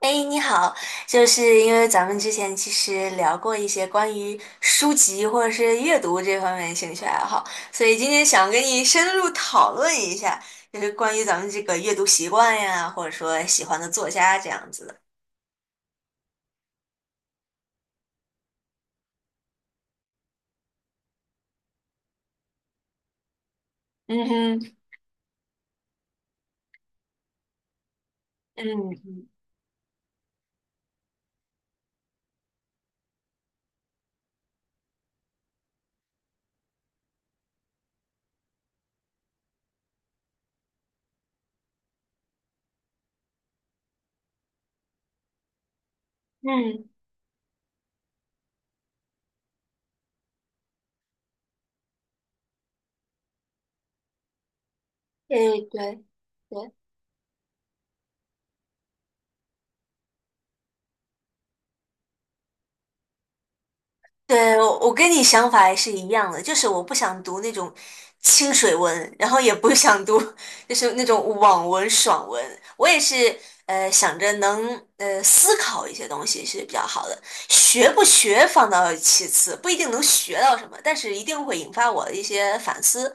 哎，你好，就是因为咱们之前其实聊过一些关于书籍或者是阅读这方面的兴趣爱好，所以今天想跟你深入讨论一下，就是关于咱们这个阅读习惯呀，或者说喜欢的作家这样子的。嗯哼。嗯嗯。对对对。对，我跟你想法也是一样的，就是我不想读那种清水文，然后也不想读就是那种网文、爽文。我也是想着能思考一些东西是比较好的，学不学放到其次，不一定能学到什么，但是一定会引发我的一些反思。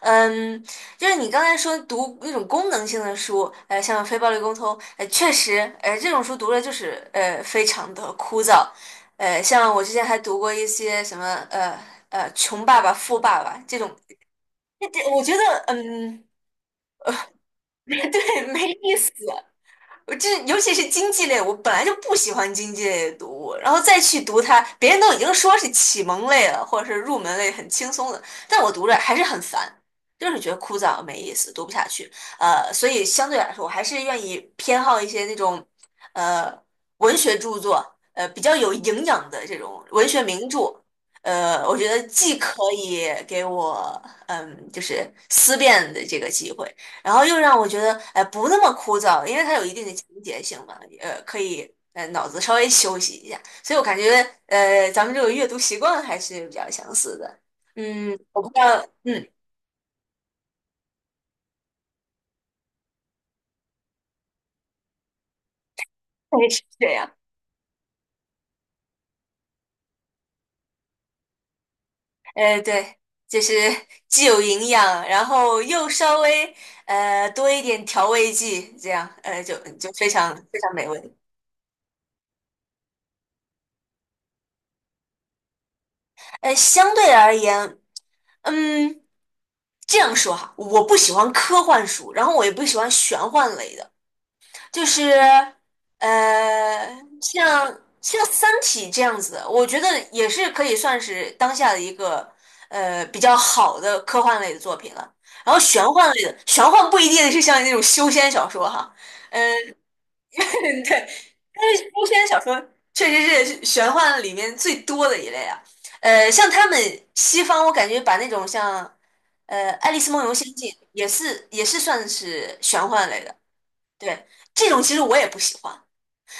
嗯，就是你刚才说读那种功能性的书，像《非暴力沟通》，呃，确实，这种书读了就是非常的枯燥。像我之前还读过一些什么呃穷爸爸富爸爸这种，这我觉得嗯。对，没意思。我这尤其是经济类，我本来就不喜欢经济类的读物，然后再去读它，别人都已经说是启蒙类了，或者是入门类很轻松的，但我读着还是很烦，就是觉得枯燥没意思，读不下去。所以相对来说，我还是愿意偏好一些那种呃文学著作，比较有营养的这种文学名著。我觉得既可以给我嗯，就是思辨的这个机会，然后又让我觉得哎不那么枯燥，因为它有一定的情节性嘛，可以脑子稍微休息一下，所以我感觉咱们这个阅读习惯还是比较相似的。嗯，我不知道，嗯。对，是这样。对，就是既有营养，然后又稍微多一点调味剂，这样就非常非常美味。相对而言，嗯，这样说哈，我不喜欢科幻书，然后我也不喜欢玄幻类的，就是呃，像《三体》这样子的，我觉得也是可以算是当下的一个比较好的科幻类的作品了。然后玄幻类的，玄幻不一定是像那种修仙小说哈。呃 对，但是修仙小说确实是玄幻里面最多的一类啊。像他们西方，我感觉把那种像《爱丽丝梦游仙境》也是算是玄幻类的。对，这种其实我也不喜欢。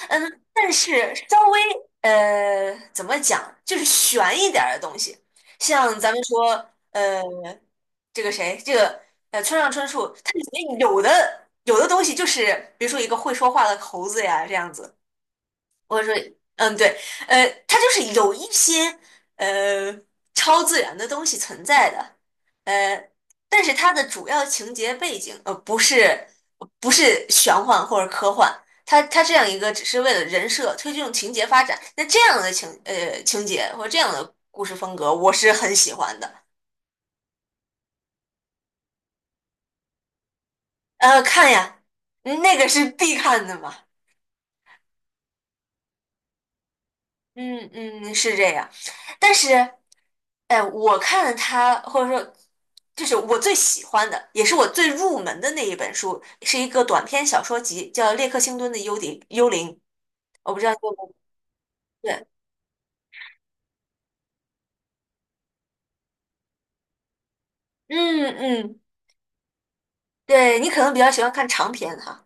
嗯，但是稍微怎么讲，就是悬一点儿的东西，像咱们说呃这个谁这个呃村上春树，它里面有的东西就是比如说一个会说话的猴子呀这样子。我说，嗯，对。它就是有一些呃超自然的东西存在的。呃，但是它的主要情节背景不是玄幻或者科幻，它这样一个只是为了人设推动情节发展，那这样的情节或这样的故事风格，我是很喜欢的。看呀，那个是必看的嘛。嗯嗯，是这样。但是，哎，我看了他，或者说，就是我最喜欢的，也是我最入门的那一本书，是一个短篇小说集，叫《列克星敦的幽灵》。我不知道你有没有对。嗯嗯，对你可能比较喜欢看长篇哈。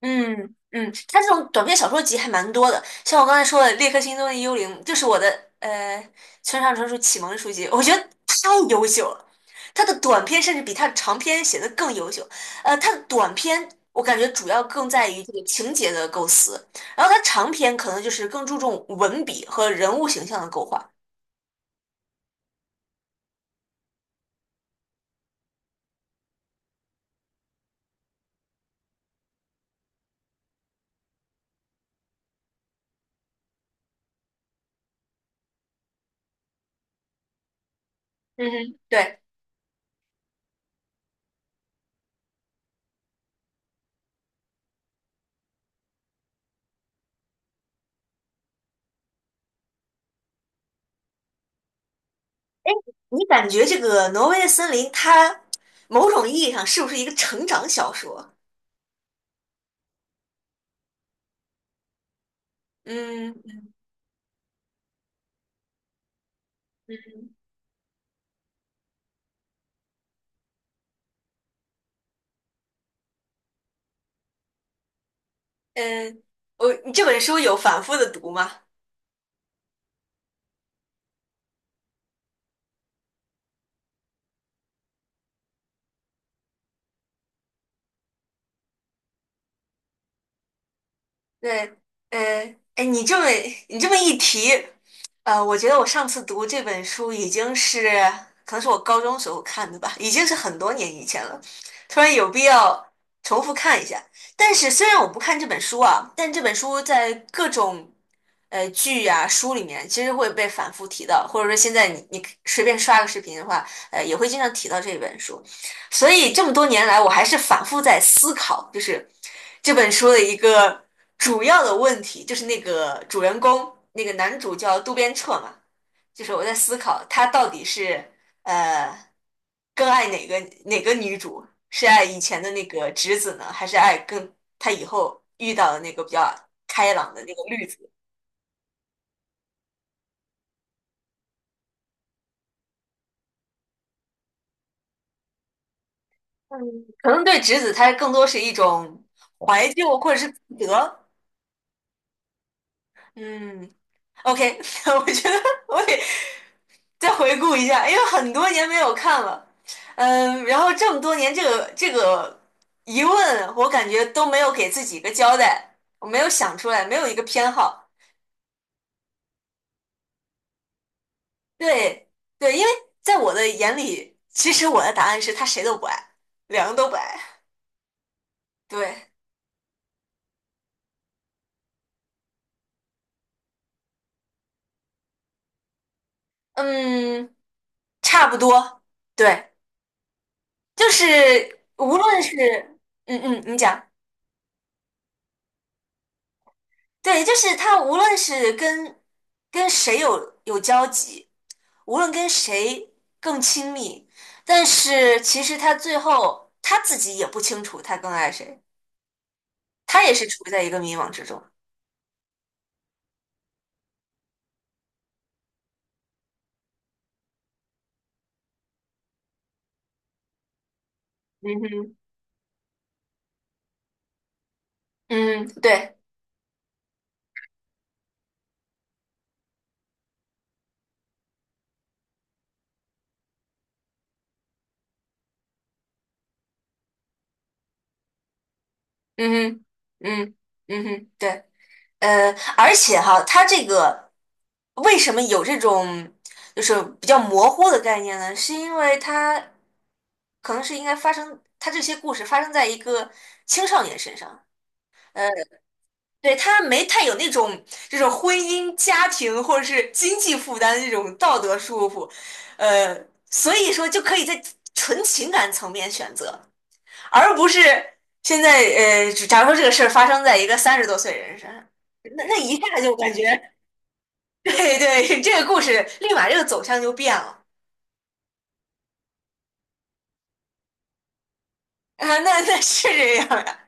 嗯嗯，它这种短篇小说集还蛮多的，像我刚才说的《列克星踪的幽灵》，就是我的呃村上春树启蒙书籍，我觉得太优秀了。他的短篇甚至比他的长篇写的更优秀。他的短篇我感觉主要更在于这个情节的构思，然后他长篇可能就是更注重文笔和人物形象的勾画。嗯哼，对。你感觉这个《挪威的森林》它某种意义上是不是一个成长小说？嗯嗯。嗯，你这本书有反复的读吗？对。嗯，哎，你这么一提，我觉得我上次读这本书已经是可能是我高中时候看的吧，已经是很多年以前了，突然有必要重复看一下。但是虽然我不看这本书啊，但这本书在各种剧啊书里面其实会被反复提到，或者说现在你随便刷个视频的话，也会经常提到这本书。所以这么多年来，我还是反复在思考，就是这本书的一个主要的问题，就是那个主人公，那个男主叫渡边彻嘛，就是我在思考他到底是呃更爱哪个女主，是爱以前的那个直子呢，还是爱更他以后遇到的那个比较开朗的那个绿子？嗯，可能对直子，他更多是一种怀旧或者是自责。嗯，OK。我觉得我得再回顾一下，因为很多年没有看了。嗯，然后这么多年，这个疑问，我感觉都没有给自己一个交代，我没有想出来，没有一个偏好。对对，因为在我的眼里，其实我的答案是他谁都不爱，两个都不爱。对，嗯，差不多。对，就是无论是，嗯嗯，你讲。对，就是他无论是跟谁有交集，无论跟谁更亲密，但是其实他最后他自己也不清楚他更爱谁，他也是处在一个迷茫之中。嗯哼，嗯，对，嗯哼，嗯，嗯哼，对。而且哈，它这个为什么有这种就是比较模糊的概念呢？是因为它可能是应该发生，它这些故事发生在一个青少年身上。呃，对，他没太有那种这种婚姻、家庭或者是经济负担的这种道德束缚，呃，所以说就可以在纯情感层面选择，而不是现在假如说这个事儿发生在一个三十多岁人身上。那那一下就感觉对对，这个故事立马这个走向就变了啊，那那是这样呀、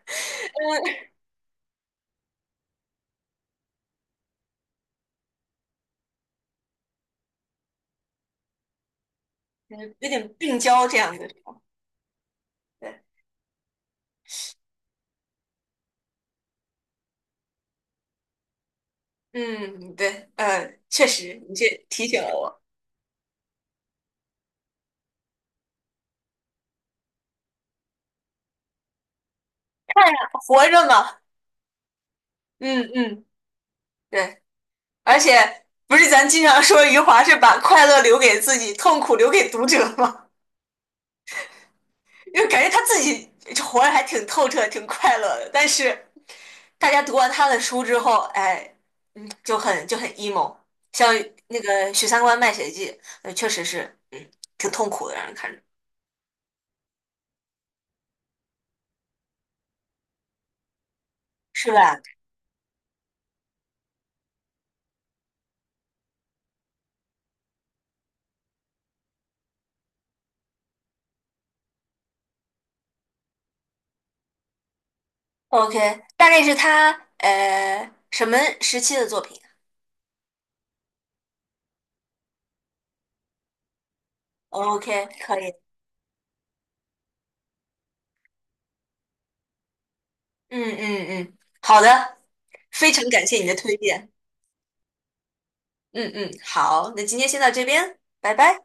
嗯，有点病娇这样的时候对，嗯，对。确实，你这提醒了我，活着嘛。嗯嗯，对，而且不是咱经常说余华是把快乐留给自己，痛苦留给读者吗？因为感觉他自己活得还挺透彻、挺快乐的，但是大家读完他的书之后，哎，嗯，就很就很 emo,像那个《许三观卖血记》，确实是，嗯，挺痛苦的，让人看着，是吧？OK,大概是他什么时期的作品啊？OK,可以，嗯嗯嗯，好的，非常感谢你的推荐，嗯嗯，好，那今天先到这边，拜拜。